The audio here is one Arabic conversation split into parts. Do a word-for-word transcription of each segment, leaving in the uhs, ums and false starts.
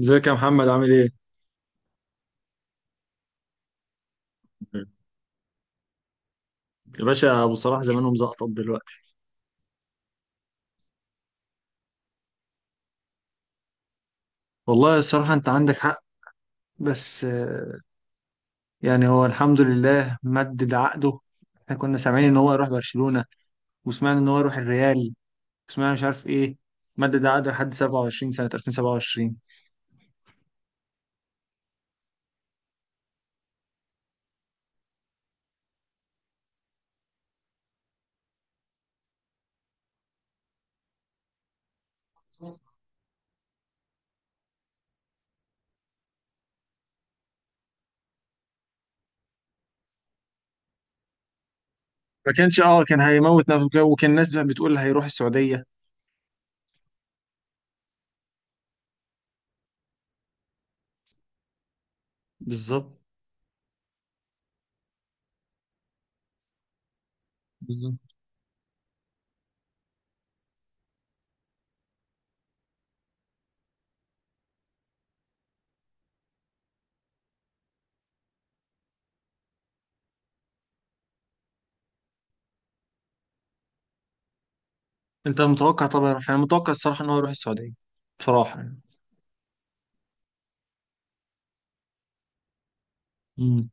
ازيك يا محمد؟ عامل ايه؟ يا باشا، ابو صلاح زمانه مزقطط دلوقتي. والله الصراحة انت عندك حق، بس آه، يعني هو الحمد لله مدد عقده. احنا كنا سامعين ان هو يروح برشلونة، وسمعنا ان هو يروح الريال، وسمعنا مش عارف ايه. مدد عقده لحد سبعة وعشرين سنة، ألفين وسبعة وعشرين. ما كانش اه كان هيموت نفسه كده، وكان الناس بتقول هيروح السعودية. بالظبط، بالظبط. انت متوقع طبعا يروح فين؟ انا متوقع الصراحة ان هو يروح السعودية، بصراحة يعني. مم.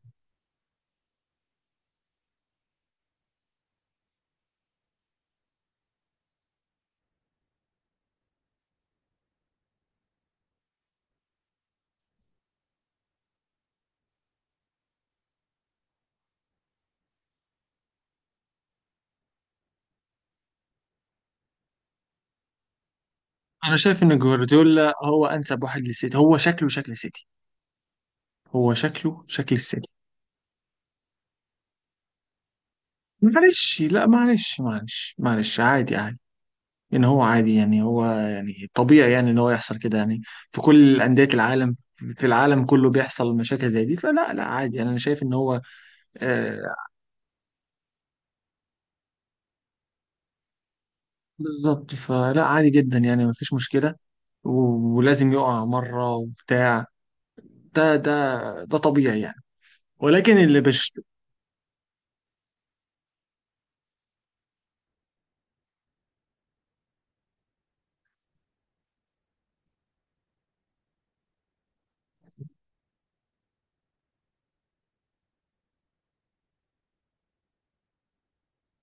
انا شايف ان جوارديولا هو انسب واحد للسيتي. هو شكله شكل سيتي، هو شكله شكل السيتي. معلش، لا معلش معلش معلش، عادي عادي. ان هو عادي، يعني هو يعني طبيعي يعني ان هو يحصل كده يعني. في كل انديه العالم، في العالم كله، بيحصل مشاكل زي دي، فلا لا عادي يعني. انا شايف ان هو آه بالظبط، فلا عادي جدا يعني مفيش مشكله. و- ولازم يقع مره وبتاع. ده ده ده طبيعي يعني. ولكن اللي بش،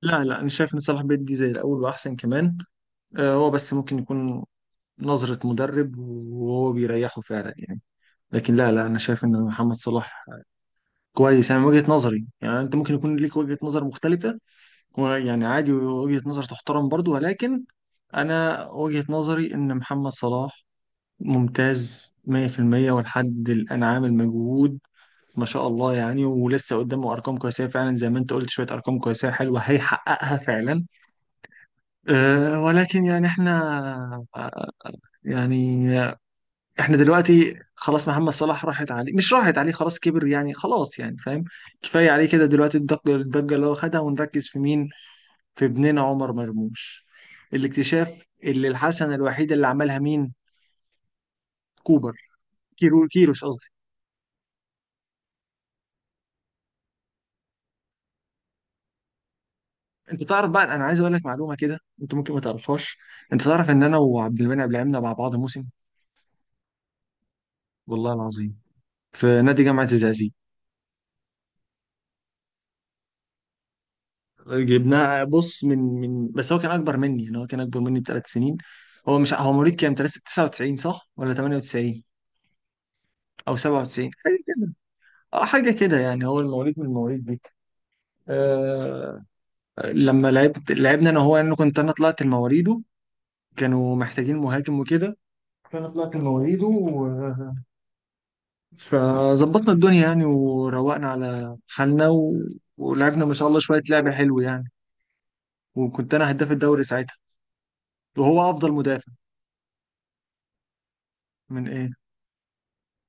لا لا انا شايف ان صلاح بدري زي الاول واحسن كمان. آه، هو بس ممكن يكون نظرة مدرب وهو بيريحه فعلا يعني. لكن لا لا انا شايف ان محمد صلاح كويس، يعني من وجهة نظري. يعني انت ممكن يكون ليك وجهة نظر مختلفة، ويعني عادي، وجهة نظر تحترم برضو، ولكن انا وجهة نظري ان محمد صلاح ممتاز مية في المية، ولحد الان عامل مجهود ما شاء الله يعني. ولسه قدامه ارقام قياسيه فعلا، زي ما انت قلت، شويه ارقام قياسيه حلوه هيحققها فعلا. أه، ولكن يعني احنا، يعني احنا دلوقتي خلاص محمد صلاح راحت عليه، مش راحت عليه، خلاص كبر يعني، خلاص يعني فاهم. كفاية عليه كده دلوقتي، الضجة الضجة اللي هو خدها، ونركز في مين؟ في ابننا عمر مرموش، الاكتشاف، اللي الحسنة الوحيدة اللي عملها مين؟ كوبر. كيرو كيروش قصدي. انت تعرف بقى، انا عايز اقول لك معلومة كده انت ممكن ما تعرفهاش. انت تعرف ان انا وعبد المنعم لعبنا مع بعض موسم؟ والله العظيم، في نادي جامعة الزقازيق. جبناه، بص، من من بس هو كان اكبر مني، يعني هو كان اكبر مني بثلاث سنين. هو مش، هو مواليد كام؟ تسعة وتسعين صح، ولا ثمانية وتسعين او سبعة وتسعين حاجه كده. اه حاجه كده يعني، هو المواليد من المواليد دي. آه، لما لعبت، لعبنا انا وهو، يعني كنت انا طلعت المواليده، كانوا محتاجين مهاجم وكده، فانا طلعت المواليد و... فظبطنا الدنيا يعني، وروقنا على حالنا و... ولعبنا ما شاء الله شويه لعبه حلوه يعني، وكنت انا هداف الدوري ساعتها، وهو افضل مدافع. من ايه؟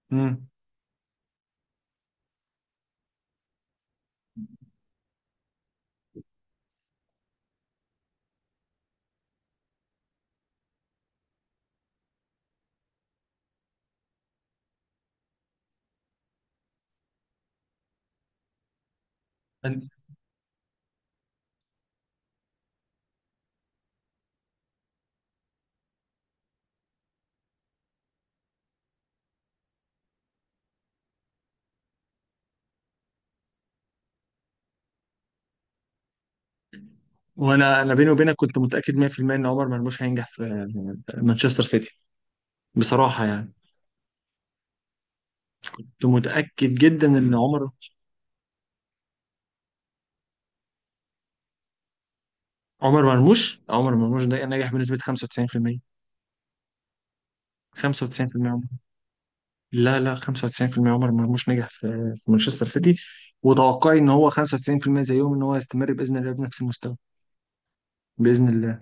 مم. أن- وانا انا بيني وبينك كنت متاكد مية في المية ان عمر مرموش هينجح في مانشستر سيتي، بصراحه يعني. كنت متاكد جدا ان عمر، عمر مرموش عمر مرموش ده نجح بنسبه خمسة وتسعين في المية. خمسة وتسعين في المية عمر، لا لا، خمسة وتسعين في المية عمر مرموش نجح في في مانشستر سيتي. وتوقعي ان هو خمسة وتسعين في المية زيهم، ان هو يستمر باذن الله بنفس المستوى، باذن الله.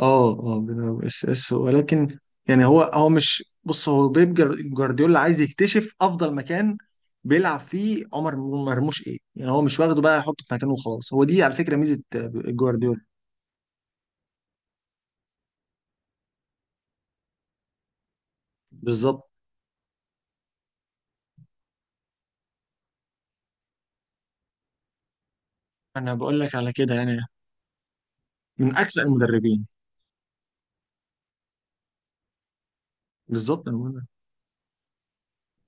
اه اه، بيلعب اس اس، ولكن يعني هو هو مش، بص هو بيب جر- جوارديولا عايز يكتشف افضل مكان بيلعب فيه عمر مرموش ايه يعني، هو مش واخده بقى يحطه في مكانه وخلاص. هو دي على فكرة ميزة آه، جوارديولا. بالظبط، انا بقول لك على كده يعني، من اكثر المدربين. بالظبط، انا بقول لك.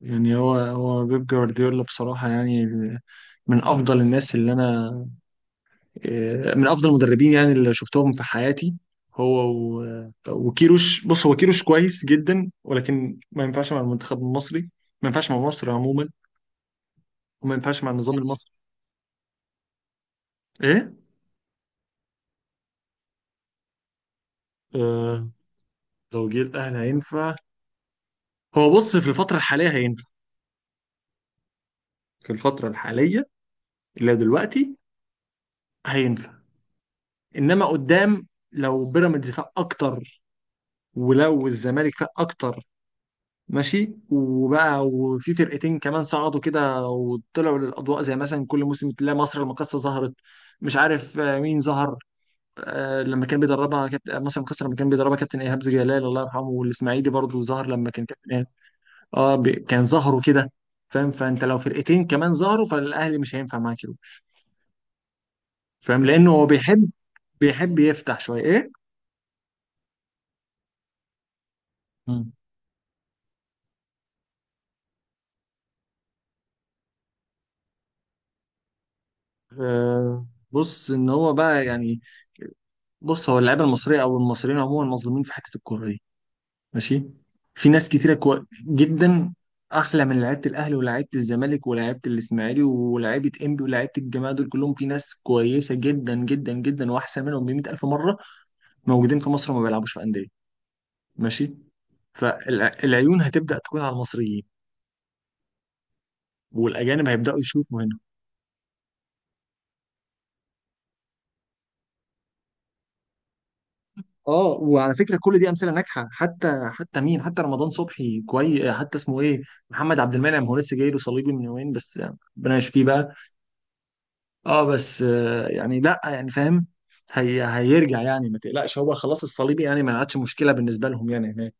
يعني هو هو بيب جوارديولا بصراحة يعني، من افضل الناس اللي انا، آه، من افضل المدربين يعني اللي شفتهم في حياتي. هو و- وكيروش. بص، هو كيروش كويس جدا، ولكن ما ينفعش مع المنتخب المصري، ما ينفعش مع مصر عموما، وما ينفعش مع النظام المصري. ايه؟ آه، لو جه الاهلي هينفع. هو بص في الفترة الحالية هينفع، في الفترة الحالية اللي دلوقتي هينفع، انما قدام، لو بيراميدز فاق اكتر، ولو الزمالك فاق اكتر، ماشي، وبقى وفي فرقتين كمان صعدوا كده وطلعوا للأضواء، زي مثلا كل موسم تلاقي مصر المقاصة ظهرت. مش عارف آه، مين ظهر. آه، لما كان بيدربها كابت... آه، مصر المقاصة لما كان بيدربها كابتن إيهاب جلال الله يرحمه، والإسماعيلي برضه ظهر لما كان كابتن إيهاب. اه، ب... كان ظهروا كده، فاهم. فأنت لو فرقتين كمان ظهروا، فالأهلي مش هينفع معاه كده، فاهم، لأنه هو بيحب بيحب يفتح شوية إيه. مم. آه، بص ان هو بقى يعني، بص، هو اللعيبه المصريه او المصريين عموما مظلومين في حته الكوره دي، ماشي. في ناس كتيرة كو... جدا، احلى من لعيبه الاهلي ولاعيبه الزمالك ولاعيبه الاسماعيلي ولاعيبه انبي ولاعيبه الجماعه دول كلهم. في ناس كويسه جدا جدا جدا، واحسن منهم ب مية الف مره، موجودين في مصر وما بيلعبوش في انديه، ماشي. فالعيون هتبدا تكون على المصريين، والاجانب هيبداوا يشوفوا هنا. اه، وعلى فكره كل دي امثله ناجحه، حتى حتى مين، حتى رمضان صبحي كويس، حتى اسمه ايه، محمد عبد المنعم. هو لسه جاي له صليبي من يومين بس، ربنا يشفيه بقى. اه، بس آه، يعني لا يعني فاهم. هي هيرجع يعني، ما تقلقش، هو خلاص الصليبي يعني ما عادش مشكله بالنسبه لهم يعني هناك.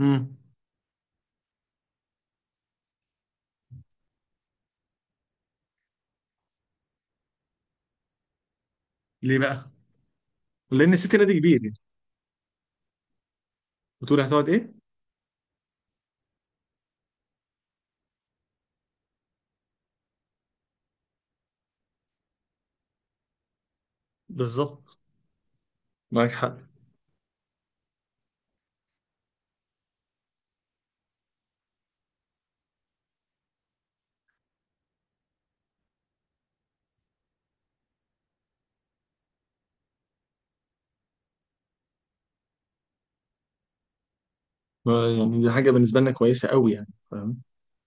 امم ليه بقى؟ لان السيتي نادي كبير يعني. بتقول هتقعد ايه؟ بالظبط، معاك حق. ما- يعني دي حاجه بالنسبه لنا كويسه قوي يعني فاهم.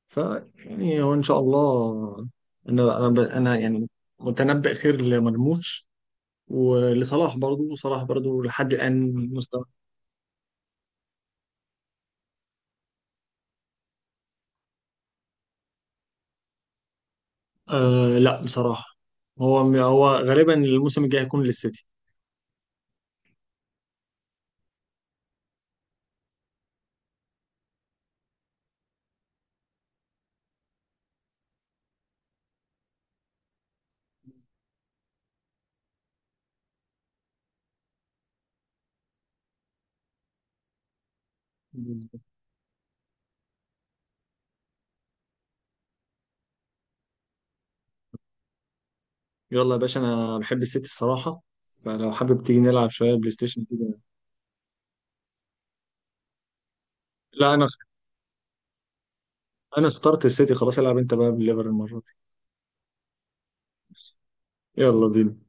ف يعني هو ان شاء الله. انا انا ب- انا يعني متنبئ خير لمرموش، ولصلاح برضو. صلاح برضو لحد الان مستوى. آه لا بصراحه، هو هو غالبا الموسم الجاي هيكون للسيتي. يلا يا باشا، انا بحب السيتي الصراحه، فلو حابب تيجي نلعب شويه بلاي ستيشن كده. لا، انا انا اخترت السيتي خلاص، العب انت بقى بالليفر المره دي. يلا بينا.